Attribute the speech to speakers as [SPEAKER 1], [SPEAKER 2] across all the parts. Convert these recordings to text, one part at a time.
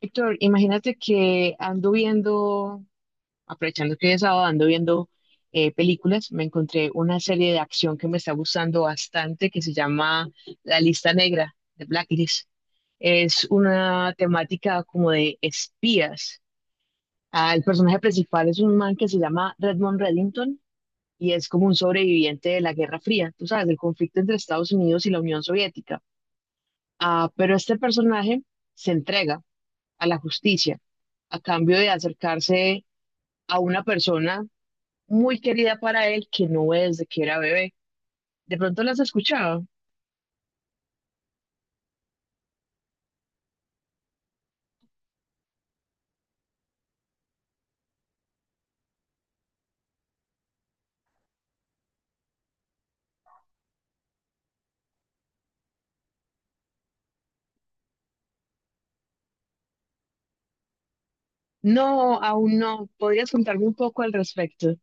[SPEAKER 1] Héctor, imagínate que ando viendo, aprovechando que es sábado, ando viendo películas. Me encontré una serie de acción que me está gustando bastante que se llama La Lista Negra, de Blacklist. Es una temática como de espías. Ah, el personaje principal es un man que se llama Redmond Reddington y es como un sobreviviente de la Guerra Fría, tú sabes, del conflicto entre Estados Unidos y la Unión Soviética. Ah, pero este personaje se entrega a la justicia, a cambio de acercarse a una persona muy querida para él que no es desde que era bebé. ¿De pronto las has escuchado? No, aún no. ¿Podrías contarme un poco al respecto?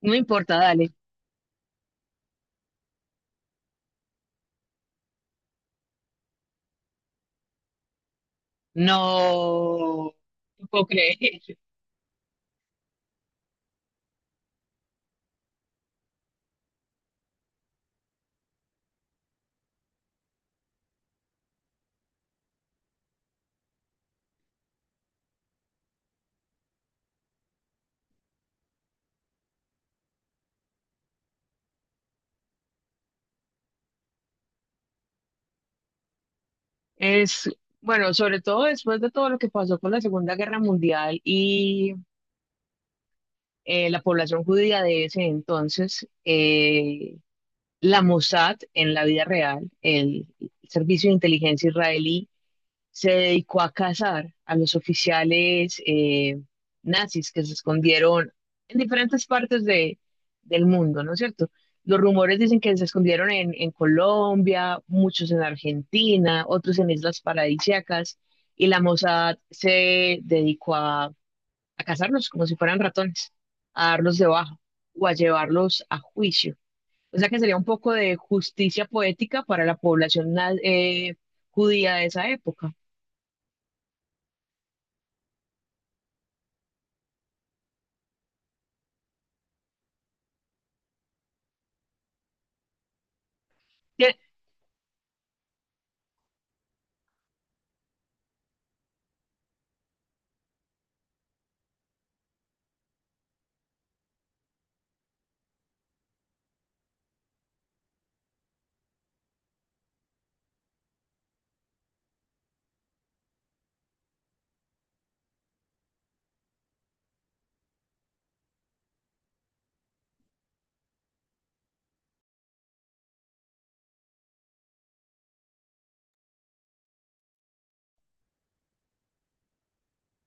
[SPEAKER 1] No importa, dale. No, no puedo creer. Es, bueno, sobre todo después de todo lo que pasó con la Segunda Guerra Mundial y la población judía de ese entonces, la Mossad en la vida real, el Servicio de Inteligencia Israelí, se dedicó a cazar a los oficiales nazis que se escondieron en diferentes partes del mundo, ¿no es cierto? Los rumores dicen que se escondieron en Colombia, muchos en Argentina, otros en islas paradisíacas, y la Mossad se dedicó a cazarlos como si fueran ratones, a darlos de baja o a llevarlos a juicio. O sea que sería un poco de justicia poética para la población judía de esa época. Tie-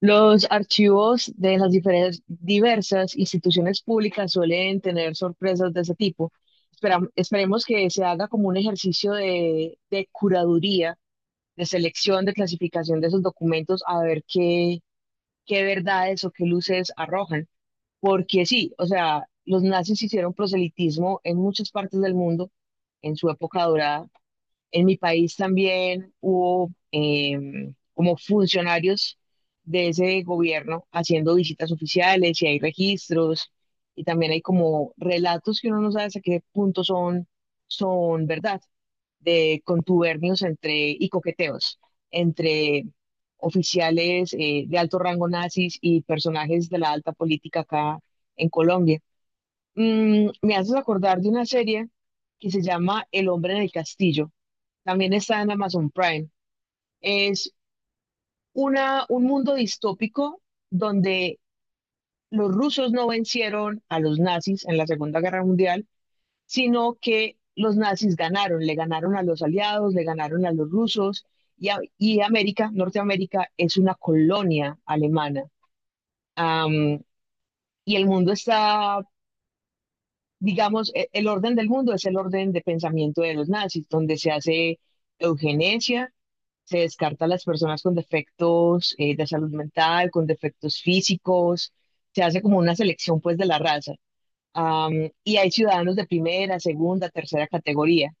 [SPEAKER 1] Los archivos de las diferentes, diversas instituciones públicas suelen tener sorpresas de ese tipo. Esperemos que se haga como un ejercicio de curaduría, de selección, de clasificación de esos documentos, a ver qué, qué verdades o qué luces arrojan. Porque sí, o sea, los nazis hicieron proselitismo en muchas partes del mundo en su época dorada en mi país también hubo como funcionarios de ese gobierno haciendo visitas oficiales y hay registros y también hay como relatos que uno no sabe hasta qué punto son, son verdad, de contubernios entre, y coqueteos entre oficiales de alto rango nazis y personajes de la alta política acá en Colombia. Me haces acordar de una serie que se llama El hombre en el castillo. También está en Amazon Prime. Es una, un mundo distópico donde los rusos no vencieron a los nazis en la Segunda Guerra Mundial, sino que los nazis ganaron, le ganaron a los aliados, le ganaron a los rusos y, y América, Norteamérica, es una colonia alemana. Am, y el mundo está, digamos, el orden del mundo es el orden de pensamiento de los nazis, donde se hace eugenesia. Se descarta a las personas con defectos de salud mental, con defectos físicos, se hace como una selección pues de la raza. Am, y hay ciudadanos de primera, segunda, tercera categoría.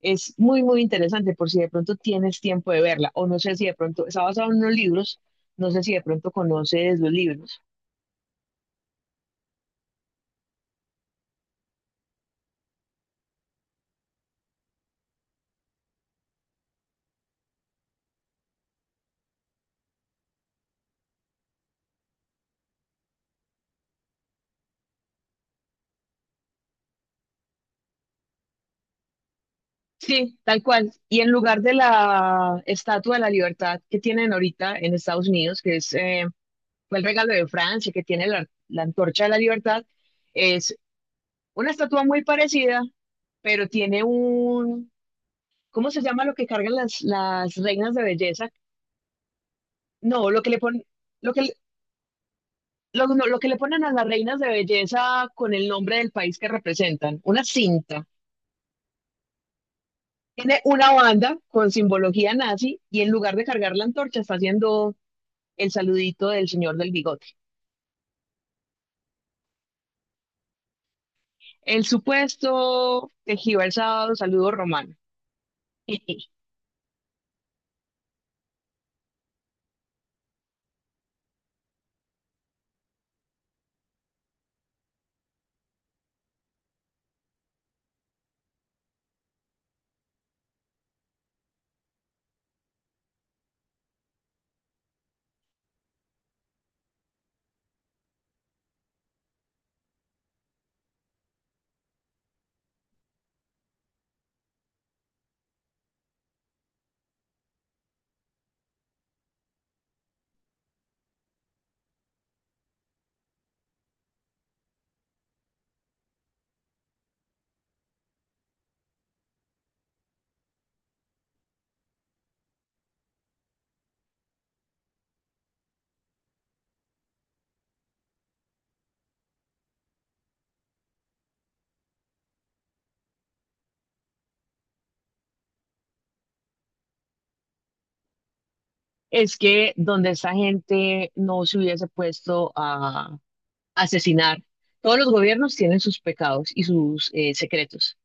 [SPEAKER 1] Es muy, muy interesante por si de pronto tienes tiempo de verla o no sé si de pronto, está basado en unos libros, no sé si de pronto conoces los libros. Sí, tal cual. Y en lugar de la Estatua de la Libertad que tienen ahorita en Estados Unidos, que es, fue el regalo de Francia, que tiene la, la Antorcha de la Libertad, es una estatua muy parecida, pero tiene un, ¿cómo se llama lo que cargan las reinas de belleza? No, lo que le ponen, lo que, no, lo que le ponen a las reinas de belleza con el nombre del país que representan, una cinta. Tiene una banda con simbología nazi y en lugar de cargar la antorcha está haciendo el saludito del señor del bigote. El supuesto tejido el sábado, saludo romano. Es que donde esa gente no se hubiese puesto a asesinar. Todos los gobiernos tienen sus pecados y sus secretos,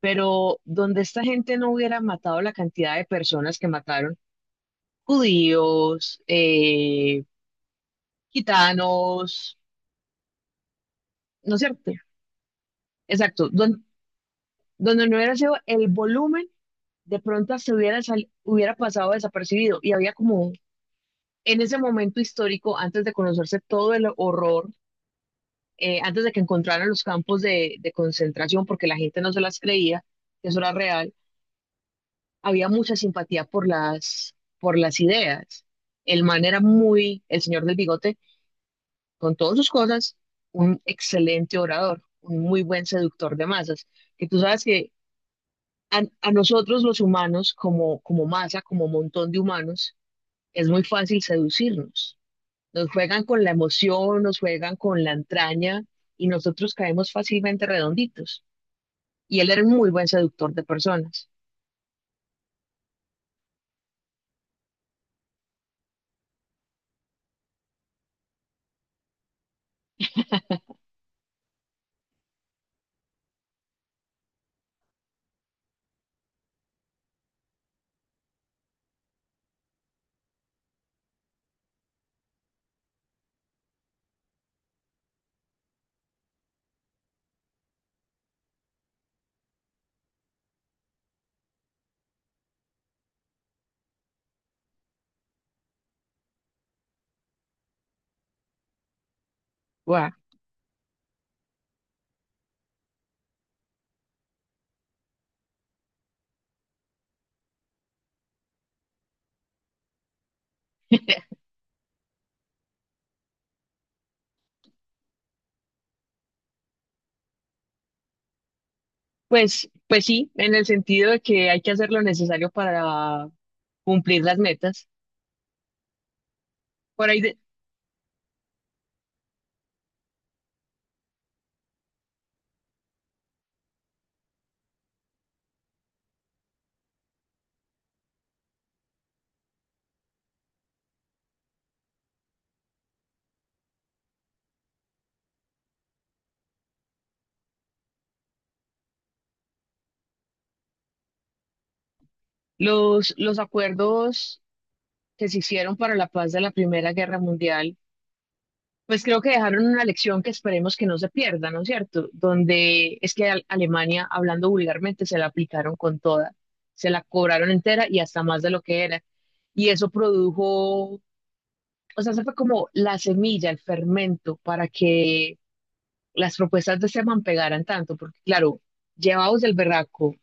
[SPEAKER 1] pero donde esta gente no hubiera matado la cantidad de personas que mataron, judíos, gitanos, ¿no es cierto? Exacto, donde no hubiera sido el volumen, de pronto hasta hubiera, hubiera pasado desapercibido y había como un- en ese momento histórico, antes de conocerse todo el horror, antes de que encontraran los campos de concentración, porque la gente no se las creía, que eso era real había mucha simpatía por las ideas. El man era muy, el señor del bigote, con todas sus cosas, un excelente orador, un muy buen seductor de masas. Que tú sabes que a nosotros los humanos, como, como masa, como montón de humanos, es muy fácil seducirnos. Nos juegan con la emoción, nos juegan con la entraña y nosotros caemos fácilmente redonditos. Y él era un muy buen seductor de personas. Pues, pues sí, en el sentido de que hay que hacer lo necesario para cumplir las metas. Por ahí de- los acuerdos que se hicieron para la paz de la Primera Guerra Mundial, pues creo que dejaron una lección que esperemos que no se pierda, ¿no es cierto? Donde es que a Alemania, hablando vulgarmente, se la aplicaron con toda, se la cobraron entera y hasta más de lo que era. Y eso produjo, o sea, se fue como la semilla, el fermento para que las propuestas de Esteban pegaran tanto, porque claro, llevados del berraco,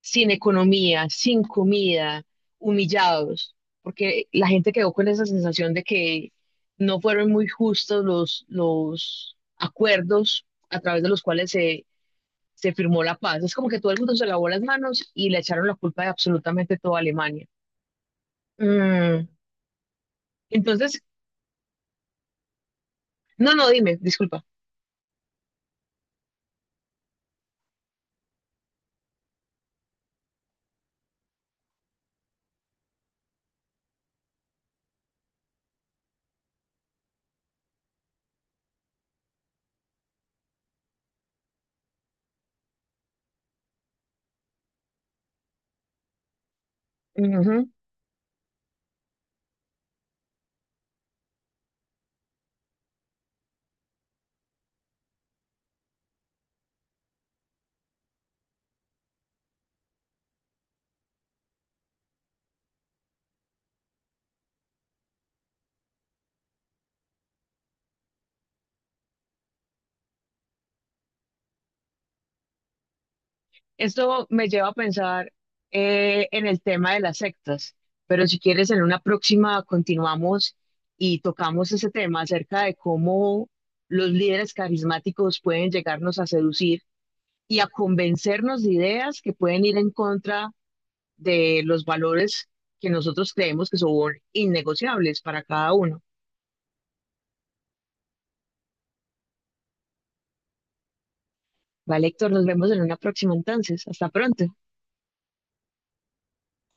[SPEAKER 1] sin economía, sin comida, humillados, porque la gente quedó con esa sensación de que no fueron muy justos los acuerdos a través de los cuales se, se firmó la paz. Es como que todo el mundo se lavó las manos y le echaron la culpa de absolutamente toda Alemania. Mm, Entonces, no, no, dime, disculpa. Ujú. Esto me lleva a pensar en el tema de las sectas, pero si quieres, en una próxima continuamos y tocamos ese tema acerca de cómo los líderes carismáticos pueden llegarnos a seducir y a convencernos de ideas que pueden ir en contra de los valores que nosotros creemos que son innegociables para cada uno. Vale, Héctor, nos vemos en una próxima entonces. Hasta pronto.